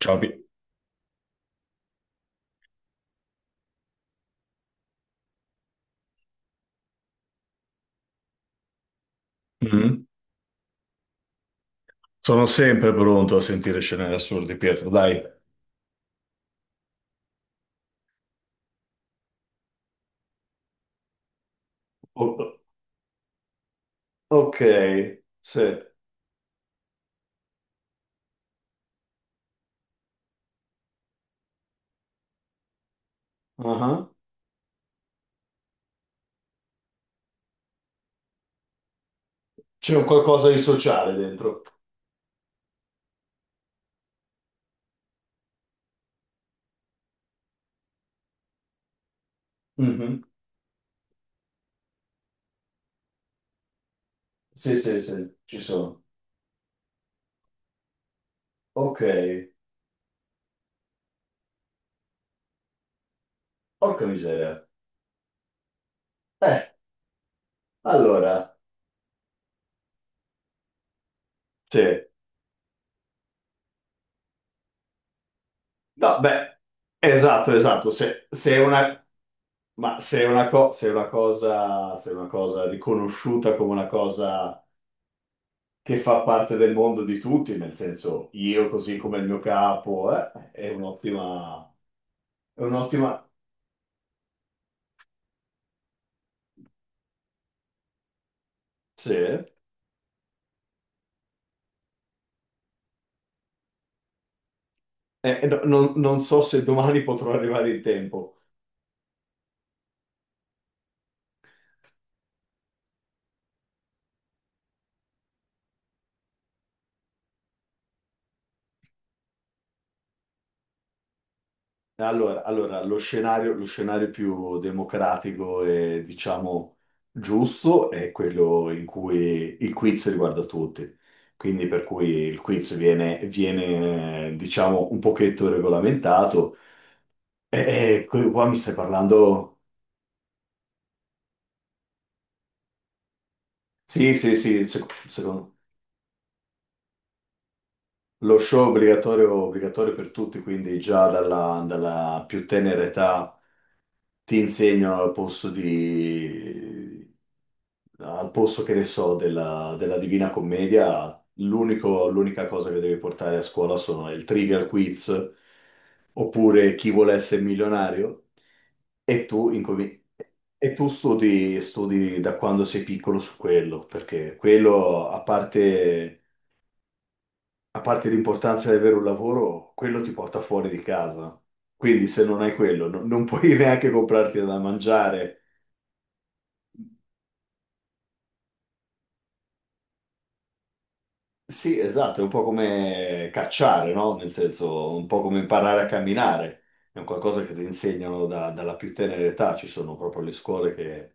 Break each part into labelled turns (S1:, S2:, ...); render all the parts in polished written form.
S1: Ciao. Mhm. Sono sempre pronto a sentire scene assurde, Pietro, dai. O- ok, sì. Ah. C'è un qualcosa di sociale dentro. Mhm. Sì, sì, sì, ci sono. Ok, porca miseria. Eh, allora, sì. No, beh, esatto, esatto. Se è una. Ma se è una cosa riconosciuta come una cosa che fa parte del mondo di tutti, nel senso io così come il mio capo, è un'ottima. Sì. Non so se domani potrò arrivare in tempo. Allora, lo scenario più democratico e diciamo giusto è quello in cui il quiz riguarda tutti. Quindi per cui il quiz viene, diciamo, un pochetto regolamentato. E, qua mi stai parlando. Sì, sì, sì. Secondo lo show obbligatorio, obbligatorio per tutti, quindi già dalla più tenera età ti insegnano al posto che ne so, della Divina Commedia, l'unica cosa che devi portare a scuola sono il Trivial Quiz, oppure Chi vuole essere milionario, e tu, incomi- e tu studi da quando sei piccolo su quello, perché quello, a parte l'importanza di avere un lavoro, quello ti porta fuori di casa. Quindi se non hai quello, non puoi neanche comprarti da mangiare. Sì, esatto, è un po' come cacciare, no? Nel senso, un po' come imparare a camminare. È un qualcosa che ti insegnano dalla più tenera età. Ci sono proprio le scuole che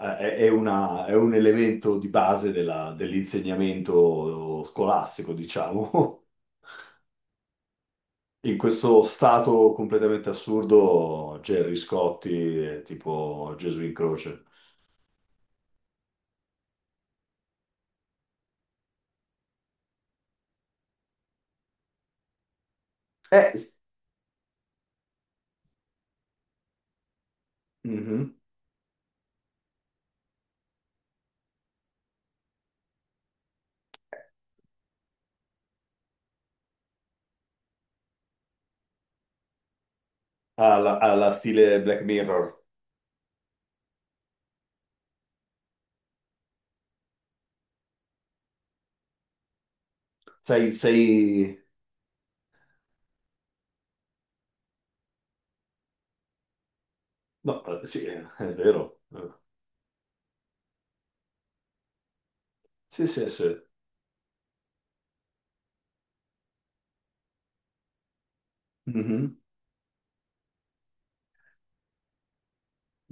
S1: è un elemento di base dell'insegnamento scolastico, diciamo. In questo stato completamente assurdo, Gerry Scotti è tipo Gesù in croce. Eh, s- mhm. Alla stile Black Mirror. Sei... No, sì, è vero. Sì, sì, sì. Mhm.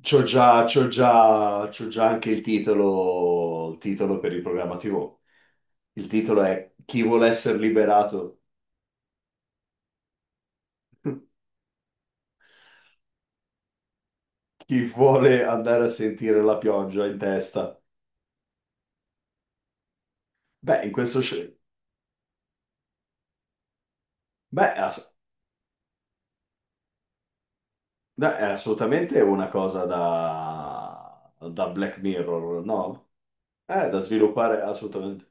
S1: C'ho già anche il titolo per il programma TV. Il titolo è Chi vuole essere liberato? Chi vuole andare a sentire la pioggia in testa? Beh, in questo scenario. Beh, ass- Beh, è assolutamente una cosa da Black Mirror, no? È da sviluppare assolutamente.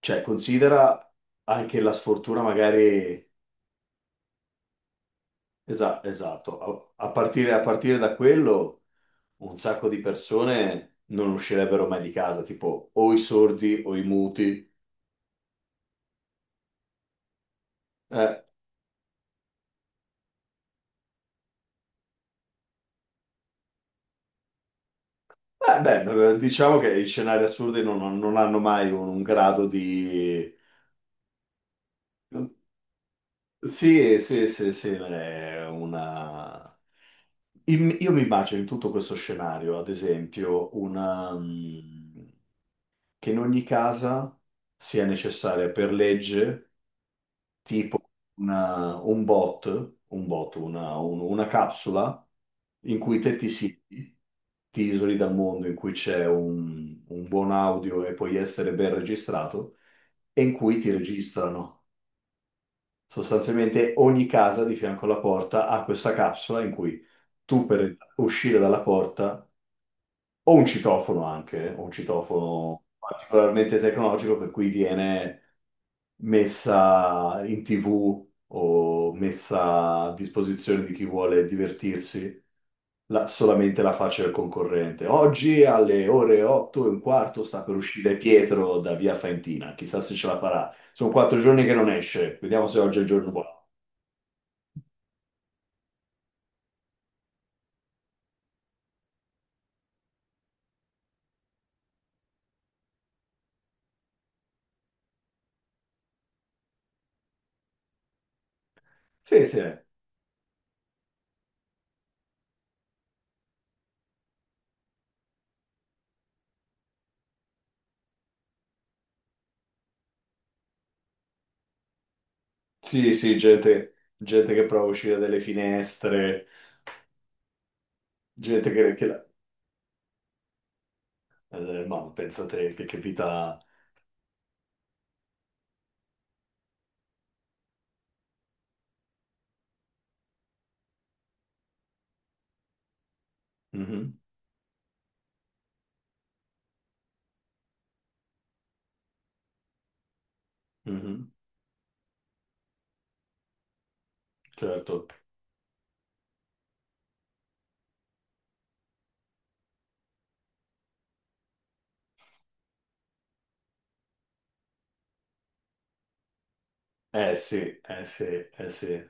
S1: Cioè, considera anche la sfortuna, magari. Esatto. A partire da quello, un sacco di persone non uscirebbero mai di casa, tipo o i sordi o i muti. Eh, beh, beh, diciamo che i scenari assurdi non hanno mai un, un grado di. Sì, sì, sì, sì, è una. Io mi immagino in tutto questo scenario, ad esempio, una, che in ogni casa sia necessaria per legge una- un bot, un bot, una capsula in cui te ti siedi, ti isoli dal mondo, in cui c'è un buon audio e puoi essere ben registrato, e in cui ti registrano. Sostanzialmente ogni casa di fianco alla porta ha questa capsula in cui tu per uscire dalla porta, o un citofono anche, o un citofono particolarmente tecnologico per cui viene messa in TV o messa a disposizione di chi vuole divertirsi solamente la faccia del concorrente. Oggi alle ore 8 e un quarto sta per uscire Pietro da Via Faentina, chissà se ce la farà. Sono 4 giorni che non esce, vediamo se oggi è il giorno buono. Sì, sì. Sì, sì, gente, gente che prova a uscire dalle finestre, gente che la- ma pensa te, che vita. Mhm, mhm, certo. Eh sì, eh sì, eh sì.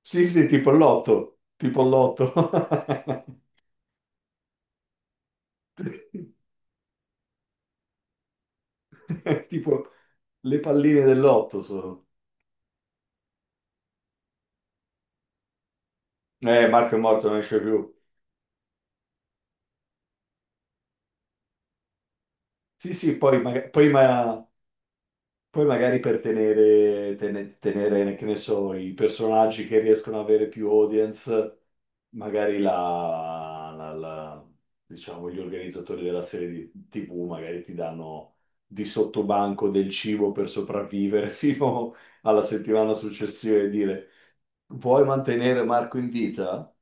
S1: Sì, sì, tipo il lotto, tipo il lotto. Tipo le palline del lotto sono. Marco è morto, non esce più. Sì, sì, poi magari per tenere, che ne so, i personaggi che riescono ad avere più audience magari diciamo, gli organizzatori della serie di TV magari ti danno di sottobanco del cibo per sopravvivere fino alla settimana successiva e dire vuoi mantenere Marco in vita?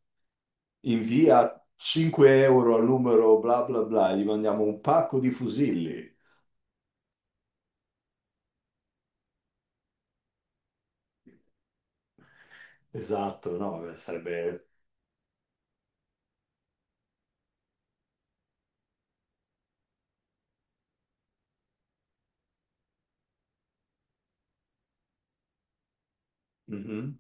S1: Invia 5 € al numero bla bla bla, gli mandiamo un pacco di fusilli. Esatto, no, beh, sarebbe. Mhm,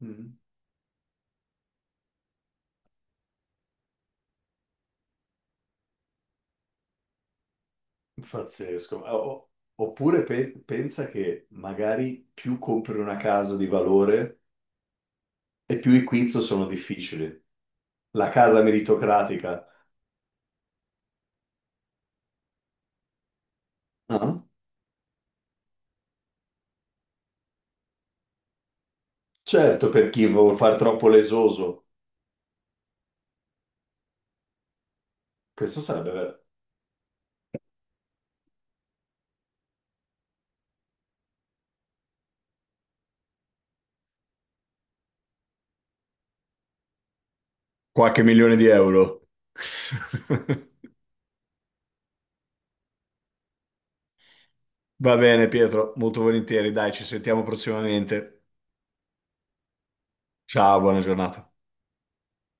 S1: mhm. Pazzesco. Oppure pensa che magari più compri una casa di valore, e più i quiz sono difficili. La casa meritocratica. Ah, certo, per chi vuol far troppo lesoso. Questo sarebbe vero. Qualche milione di euro. Va bene, Pietro, molto volentieri. Dai, ci sentiamo prossimamente. Ciao, buona giornata.